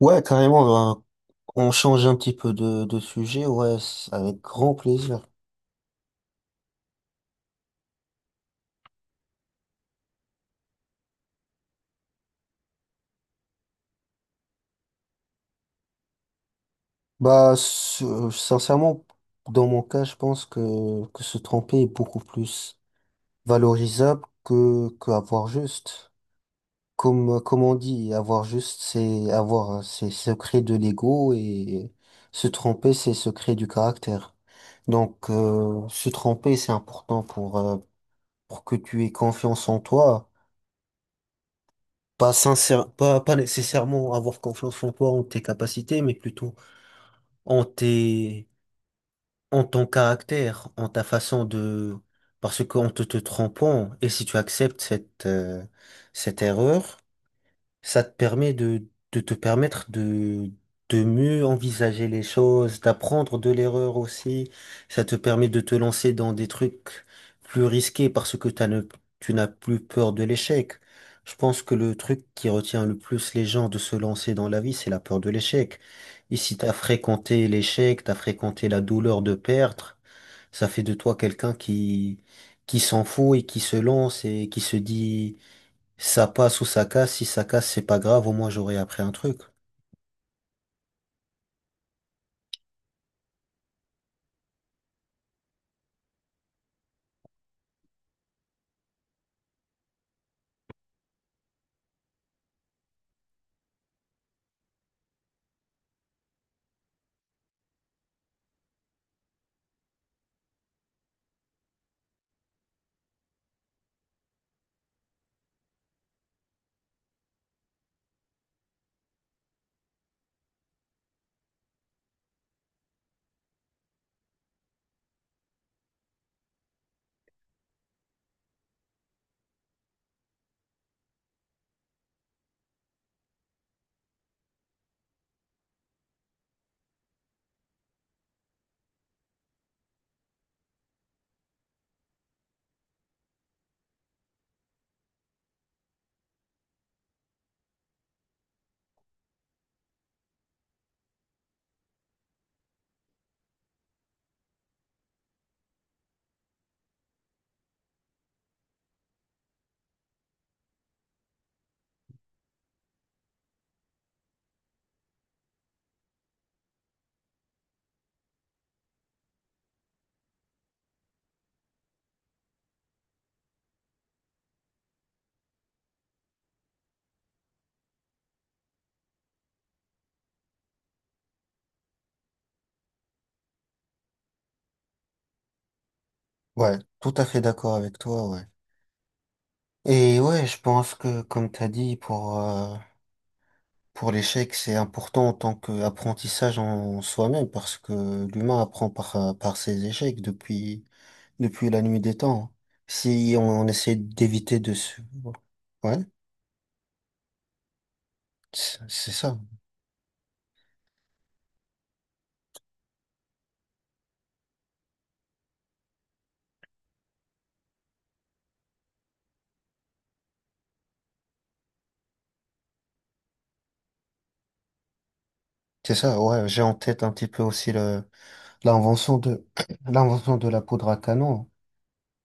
Ouais, carrément, ben, on change un petit peu de sujet, ouais, avec grand plaisir. Bah, sincèrement, dans mon cas, je pense que se tromper est beaucoup plus valorisable que avoir juste. Comme on dit, avoir juste, c'est avoir ses secrets de l'ego et se tromper, c'est secret du caractère. Donc, se tromper, c'est important pour que tu aies confiance en toi. Pas sincère, pas nécessairement avoir confiance en toi, en tes capacités, mais plutôt en tes en ton caractère, en ta façon de... Parce qu'en te trompant, et si tu acceptes cette, cette erreur, ça te permet de te permettre de mieux envisager les choses, d'apprendre de l'erreur aussi. Ça te permet de te lancer dans des trucs plus risqués parce que t'as ne, tu n'as plus peur de l'échec. Je pense que le truc qui retient le plus les gens de se lancer dans la vie, c'est la peur de l'échec. Et si t'as fréquenté l'échec, t'as fréquenté la douleur de perdre, ça fait de toi quelqu'un qui s'en fout et qui se lance et qui se dit, ça passe ou ça casse, si ça casse, c'est pas grave, au moins j'aurai appris un truc. Ouais, tout à fait d'accord avec toi, ouais. Et ouais, je pense que, comme t'as dit, pour l'échec, c'est important en tant qu'apprentissage en soi-même, parce que l'humain apprend par, par ses échecs depuis, depuis la nuit des temps, hein. Si on essaie d'éviter de se... Ouais, c'est ça. C'est ça, ouais, j'ai en tête un petit peu aussi le, l'invention de, l'invention de la poudre à canon.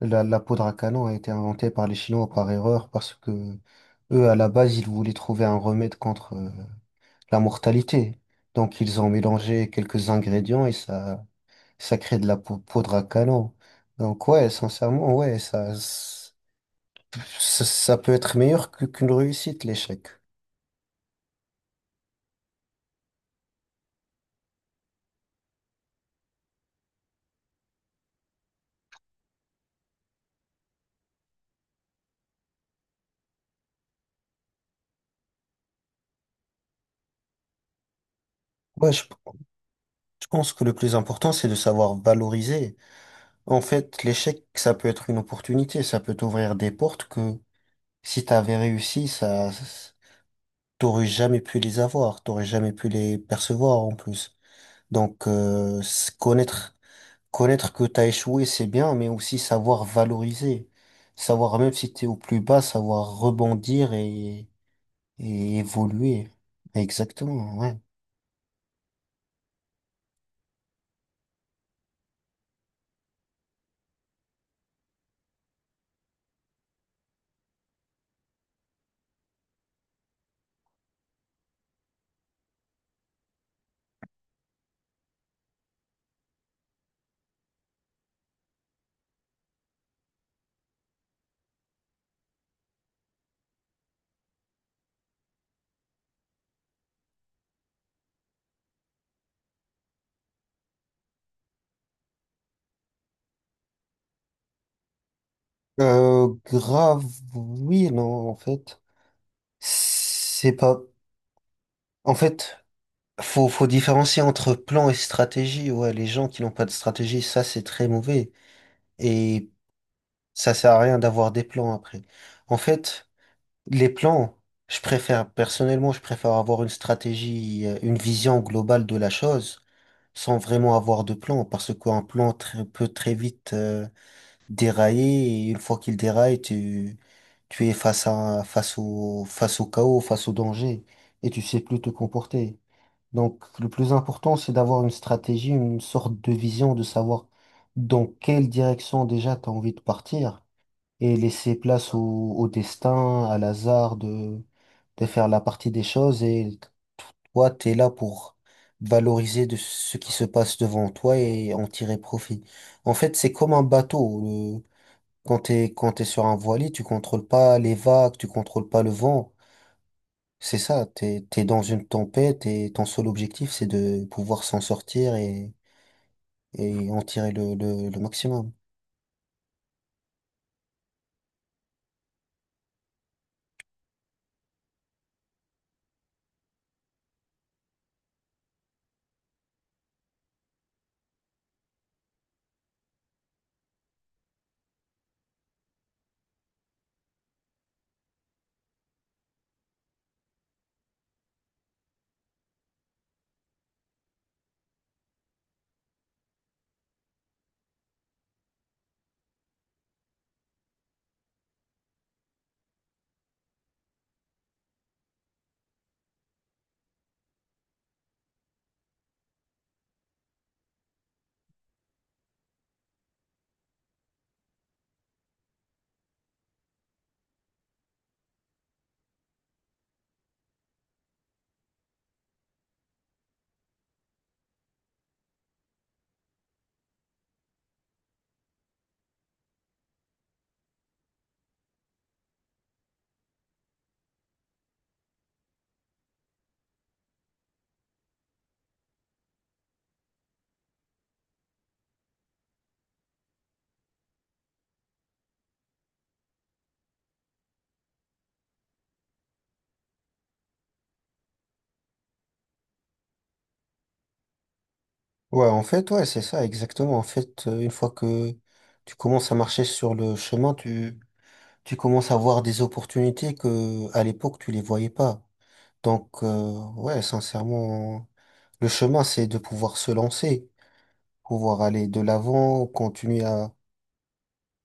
La poudre à canon a été inventée par les Chinois par erreur parce que eux, à la base, ils voulaient trouver un remède contre la mortalité. Donc, ils ont mélangé quelques ingrédients et ça crée de la poudre à canon. Donc, ouais, sincèrement, ouais, ça peut être meilleur qu'une réussite, l'échec. Ouais, je pense que le plus important, c'est de savoir valoriser. En fait, l'échec, ça peut être une opportunité, ça peut t'ouvrir des portes que si t'avais réussi, ça. T'aurais jamais pu les avoir, t'aurais jamais pu les percevoir en plus. Donc connaître connaître que t'as échoué, c'est bien, mais aussi savoir valoriser, savoir même si t'es au plus bas, savoir rebondir et évoluer. Exactement, ouais. Grave, oui, non, en fait, c'est pas. En fait, faut différencier entre plan et stratégie. Ouais, les gens qui n'ont pas de stratégie, ça c'est très mauvais. Et ça sert à rien d'avoir des plans après. En fait, les plans, personnellement, je préfère avoir une stratégie, une vision globale de la chose, sans vraiment avoir de plan, parce qu'un peut très vite dérailler, et une fois qu'il déraille, tu es face au chaos, face au danger, et tu sais plus te comporter. Donc, le plus important, c'est d'avoir une stratégie, une sorte de vision, de savoir dans quelle direction déjà tu as envie de partir et laisser place au destin, à l'hasard de faire la partie des choses. Et toi, tu es là pour valoriser de ce qui se passe devant toi et en tirer profit. En fait, c'est comme un bateau. Le, quand t'es sur un voilier, tu contrôles pas les vagues, tu contrôles pas le vent. C'est ça, t'es dans une tempête et ton seul objectif, c'est de pouvoir s'en sortir et en tirer le maximum. Ouais, en fait, ouais, c'est ça, exactement. En fait, une fois que tu commences à marcher sur le chemin, tu commences à voir des opportunités que, à l'époque, tu les voyais pas. Donc, ouais, sincèrement, le chemin, c'est de pouvoir se lancer, pouvoir aller de l'avant, continuer à,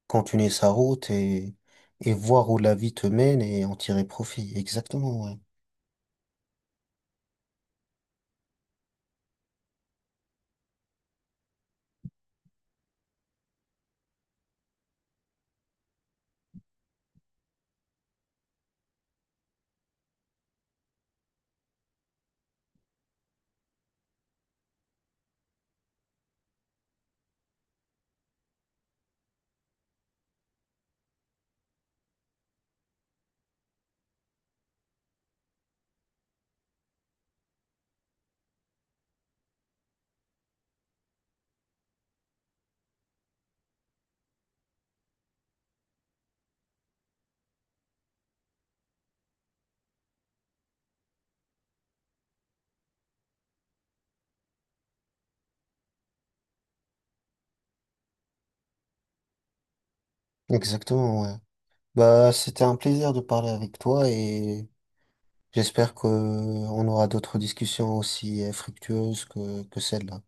continuer sa route et voir où la vie te mène et en tirer profit. Exactement, ouais. Exactement, ouais. Bah, c'était un plaisir de parler avec toi et j'espère que on aura d'autres discussions aussi fructueuses que celle-là.